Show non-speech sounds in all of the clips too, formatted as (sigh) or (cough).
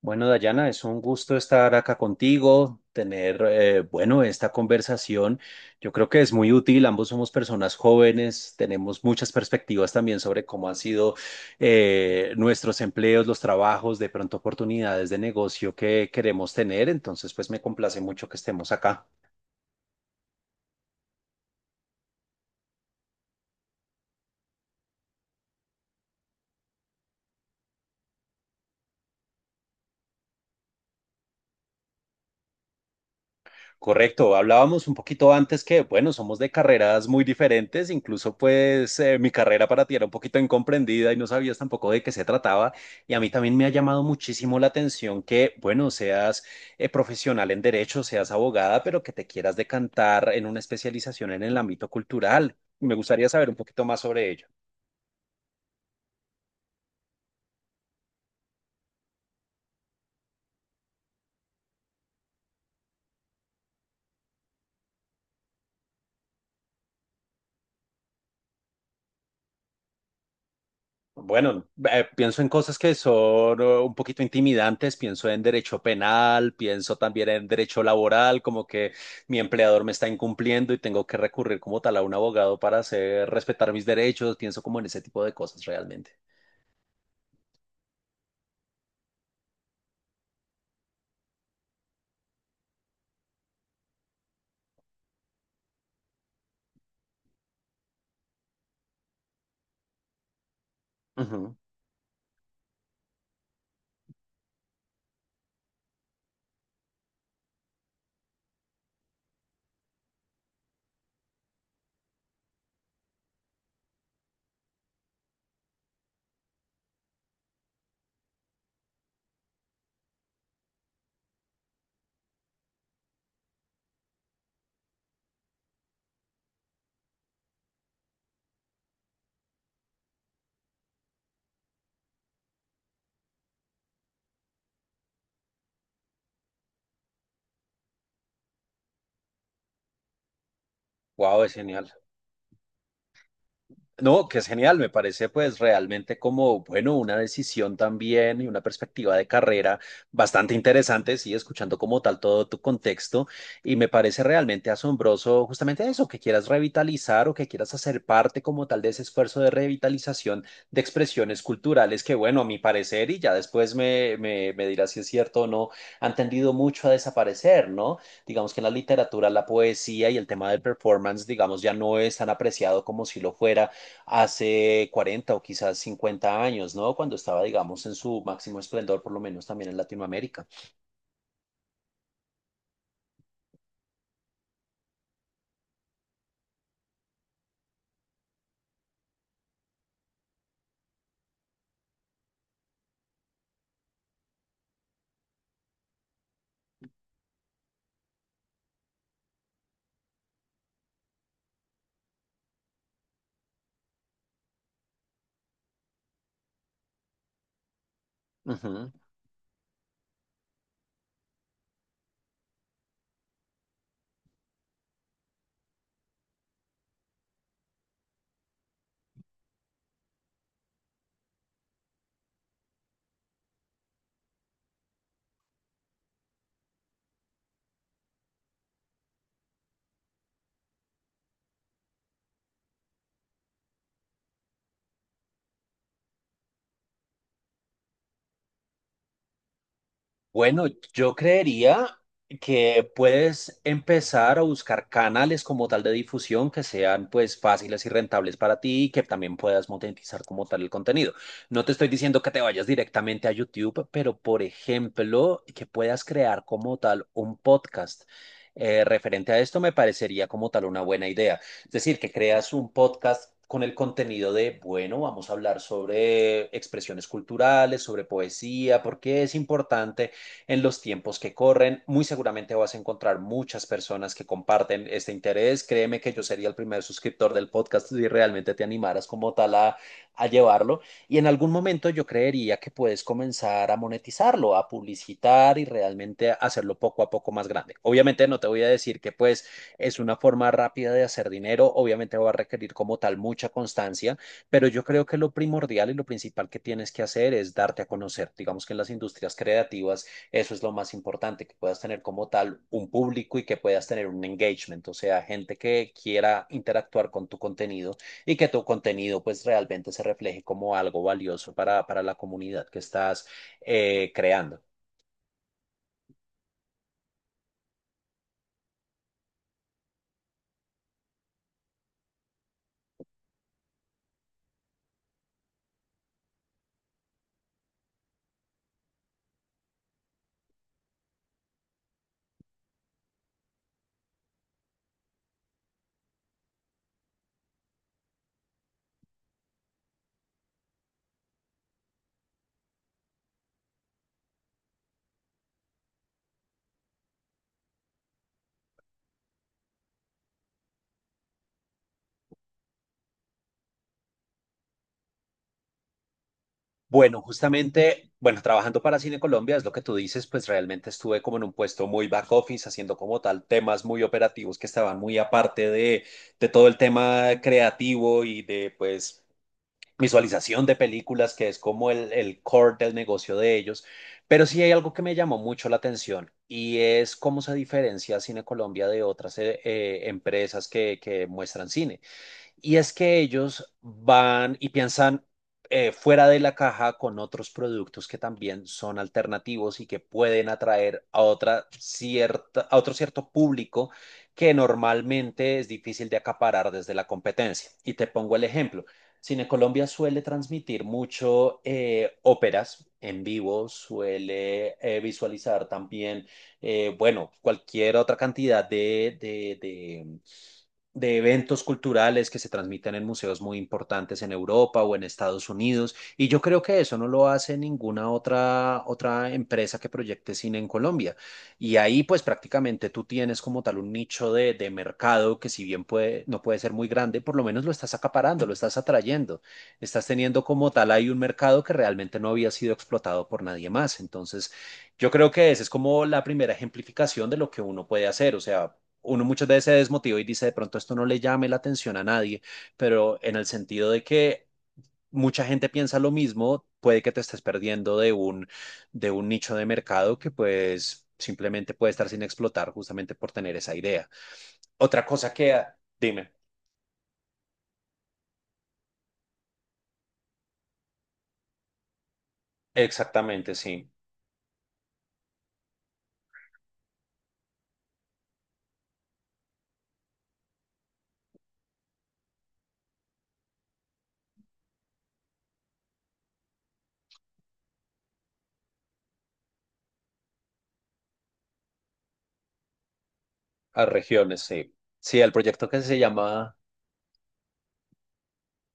Bueno, Dayana, es un gusto estar acá contigo, tener, bueno, esta conversación. Yo creo que es muy útil, ambos somos personas jóvenes, tenemos muchas perspectivas también sobre cómo han sido nuestros empleos, los trabajos, de pronto oportunidades de negocio que queremos tener. Entonces, pues me complace mucho que estemos acá. Correcto, hablábamos un poquito antes que, bueno, somos de carreras muy diferentes, incluso pues mi carrera para ti era un poquito incomprendida y no sabías tampoco de qué se trataba, y a mí también me ha llamado muchísimo la atención que, bueno, seas profesional en derecho, seas abogada, pero que te quieras decantar en una especialización en el ámbito cultural. Me gustaría saber un poquito más sobre ello. Bueno, pienso en cosas que son un poquito intimidantes, pienso en derecho penal, pienso también en derecho laboral, como que mi empleador me está incumpliendo y tengo que recurrir como tal a un abogado para hacer respetar mis derechos, pienso como en ese tipo de cosas realmente. Wow, es genial. No, que es genial, me parece pues realmente como, bueno, una decisión también y una perspectiva de carrera bastante interesante, sí, escuchando como tal todo tu contexto, y me parece realmente asombroso justamente eso, que quieras revitalizar o que quieras hacer parte como tal de ese esfuerzo de revitalización de expresiones culturales que, bueno, a mi parecer, y ya después me dirás si es cierto o no, han tendido mucho a desaparecer, ¿no? Digamos que en la literatura, la poesía y el tema del performance, digamos, ya no es tan apreciado como si lo fuera hace 40 o quizás 50 años, ¿no? Cuando estaba, digamos, en su máximo esplendor, por lo menos también en Latinoamérica. Ujú. Bueno, yo creería que puedes empezar a buscar canales como tal de difusión que sean pues fáciles y rentables para ti y que también puedas monetizar como tal el contenido. No te estoy diciendo que te vayas directamente a YouTube, pero por ejemplo, que puedas crear como tal un podcast. Referente a esto me parecería como tal una buena idea. Es decir, que creas un podcast con el contenido de, bueno, vamos a hablar sobre expresiones culturales, sobre poesía, porque es importante en los tiempos que corren. Muy seguramente vas a encontrar muchas personas que comparten este interés. Créeme que yo sería el primer suscriptor del podcast si realmente te animaras como tal a llevarlo. Y en algún momento yo creería que puedes comenzar a monetizarlo, a publicitar y realmente hacerlo poco a poco más grande. Obviamente no te voy a decir que pues es una forma rápida de hacer dinero, obviamente va a requerir como tal mucha constancia, pero yo creo que lo primordial y lo principal que tienes que hacer es darte a conocer. Digamos que en las industrias creativas eso es lo más importante, que puedas tener como tal un público y que puedas tener un engagement, o sea, gente que quiera interactuar con tu contenido y que tu contenido pues realmente se refleje como algo valioso para la comunidad que estás creando. Bueno, justamente, bueno, trabajando para Cine Colombia, es lo que tú dices, pues realmente estuve como en un puesto muy back office, haciendo como tal temas muy operativos que estaban muy aparte de todo el tema creativo y de pues visualización de películas, que es como el core del negocio de ellos. Pero sí hay algo que me llamó mucho la atención y es cómo se diferencia Cine Colombia de otras empresas que muestran cine. Y es que ellos van y piensan fuera de la caja con otros productos que también son alternativos y que pueden atraer a, otra cierta, a otro cierto público que normalmente es difícil de acaparar desde la competencia. Y te pongo el ejemplo. Cine Colombia suele transmitir mucho óperas en vivo, suele visualizar también, bueno, cualquier otra cantidad de eventos culturales que se transmiten en museos muy importantes en Europa o en Estados Unidos. Y yo creo que eso no lo hace ninguna otra, otra empresa que proyecte cine en Colombia. Y ahí pues prácticamente tú tienes como tal un nicho de mercado que si bien puede, no puede ser muy grande, por lo menos lo estás acaparando, lo estás atrayendo. Estás teniendo como tal ahí un mercado que realmente no había sido explotado por nadie más. Entonces, yo creo que esa es como la primera ejemplificación de lo que uno puede hacer. O sea, uno muchas veces se desmotiva y dice, de pronto esto no le llame la atención a nadie, pero en el sentido de que mucha gente piensa lo mismo, puede que te estés perdiendo de un nicho de mercado que pues simplemente puede estar sin explotar justamente por tener esa idea. Otra cosa que, dime, exactamente, sí, a regiones, sí. Sí, al proyecto que se llama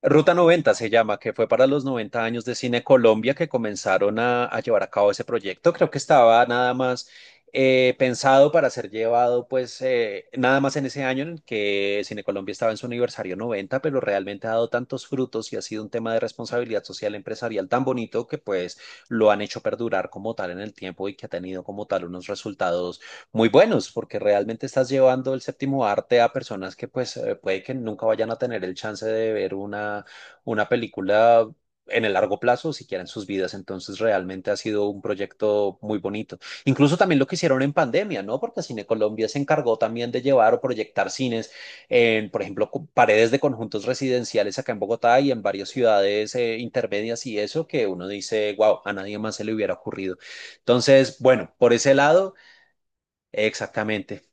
Ruta 90 se llama, que fue para los 90 años de Cine Colombia que comenzaron a llevar a cabo ese proyecto. Creo que estaba nada más pensado para ser llevado, pues, nada más en ese año en el que Cine Colombia estaba en su aniversario 90, pero realmente ha dado tantos frutos y ha sido un tema de responsabilidad social empresarial tan bonito que, pues, lo han hecho perdurar como tal en el tiempo y que ha tenido como tal unos resultados muy buenos, porque realmente estás llevando el séptimo arte a personas que pues puede que nunca vayan a tener el chance de ver una película en el largo plazo, siquiera en sus vidas. Entonces, realmente ha sido un proyecto muy bonito. Incluso también lo que hicieron en pandemia, ¿no? Porque Cine Colombia se encargó también de llevar o proyectar cines en, por ejemplo, paredes de conjuntos residenciales acá en Bogotá y en varias ciudades intermedias y eso que uno dice, wow, a nadie más se le hubiera ocurrido. Entonces, bueno, por ese lado. Exactamente,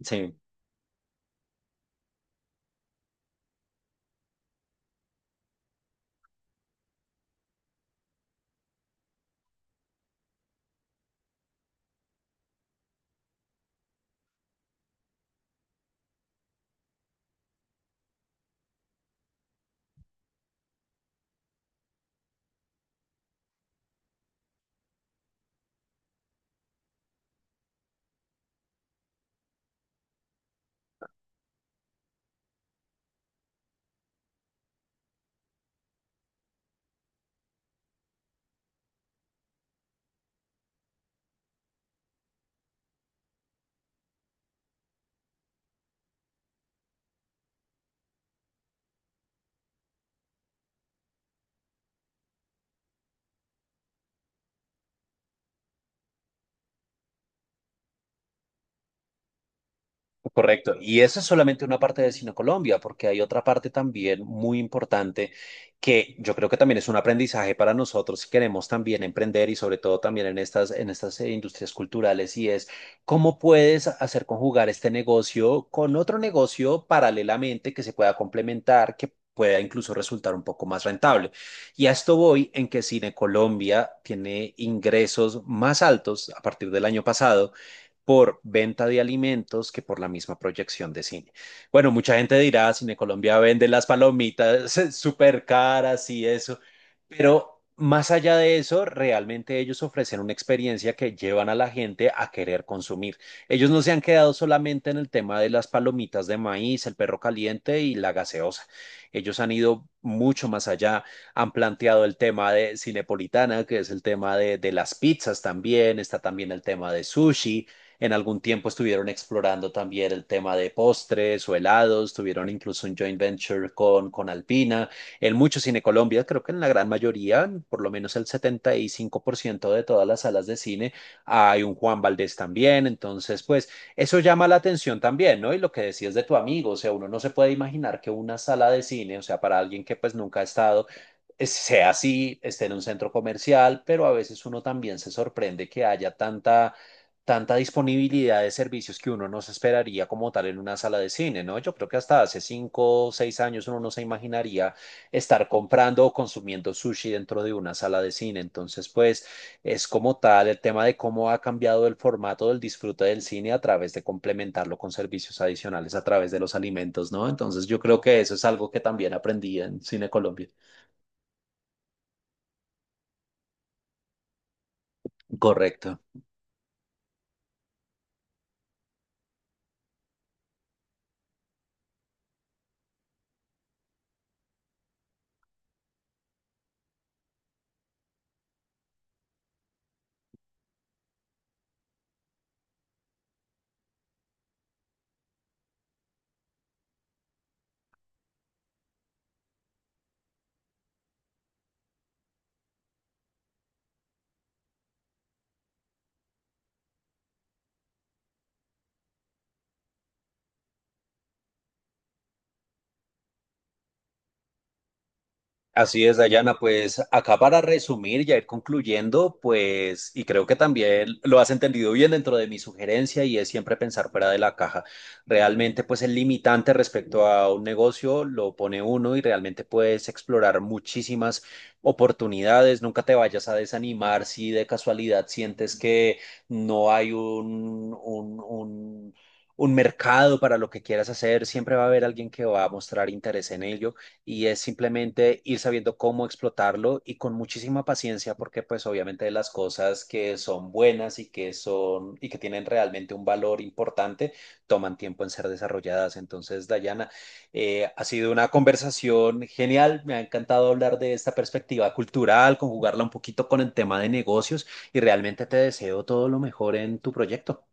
sí, correcto. Y esa es solamente una parte de Cine Colombia, porque hay otra parte también muy importante que yo creo que también es un aprendizaje para nosotros si queremos también emprender y sobre todo también en estas industrias culturales y es cómo puedes hacer conjugar este negocio con otro negocio paralelamente que se pueda complementar, que pueda incluso resultar un poco más rentable. Y a esto voy en que Cine Colombia tiene ingresos más altos a partir del año pasado por venta de alimentos que por la misma proyección de cine. Bueno, mucha gente dirá, Cine Colombia vende las palomitas (laughs) súper caras y eso, pero más allá de eso, realmente ellos ofrecen una experiencia que llevan a la gente a querer consumir. Ellos no se han quedado solamente en el tema de las palomitas de maíz, el perro caliente y la gaseosa. Ellos han ido mucho más allá, han planteado el tema de Cinepolitana, que es el tema de las pizzas también, está también el tema de sushi, en algún tiempo estuvieron explorando también el tema de postres o helados, tuvieron incluso un joint venture con Alpina. En muchos cine Colombia, creo que en la gran mayoría, por lo menos el 75% de todas las salas de cine, hay un Juan Valdés también. Entonces, pues eso llama la atención también, ¿no? Y lo que decías de tu amigo, o sea, uno no se puede imaginar que una sala de cine, o sea, para alguien que pues nunca ha estado sea así, esté en un centro comercial, pero a veces uno también se sorprende que haya tanta tanta disponibilidad de servicios que uno no se esperaría como tal en una sala de cine, ¿no? Yo creo que hasta hace 5 o 6 años uno no se imaginaría estar comprando o consumiendo sushi dentro de una sala de cine. Entonces, pues es como tal el tema de cómo ha cambiado el formato del disfrute del cine a través de complementarlo con servicios adicionales a través de los alimentos, ¿no? Entonces, yo creo que eso es algo que también aprendí en Cine Colombia. Correcto. Así es, Dayana. Pues acá para resumir y ir concluyendo, pues, y creo que también lo has entendido bien dentro de mi sugerencia y es siempre pensar fuera de la caja. Realmente, pues, el limitante respecto a un negocio lo pone uno y realmente puedes explorar muchísimas oportunidades. Nunca te vayas a desanimar si de casualidad sientes que no hay un mercado para lo que quieras hacer. Siempre va a haber alguien que va a mostrar interés en ello y es simplemente ir sabiendo cómo explotarlo y con muchísima paciencia porque pues obviamente las cosas que son buenas y que son y que tienen realmente un valor importante toman tiempo en ser desarrolladas. Entonces, Dayana, ha sido una conversación genial, me ha encantado hablar de esta perspectiva cultural, conjugarla un poquito con el tema de negocios y realmente te deseo todo lo mejor en tu proyecto.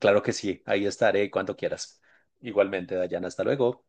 Claro que sí, ahí estaré cuando quieras. Igualmente, Dayana, hasta luego.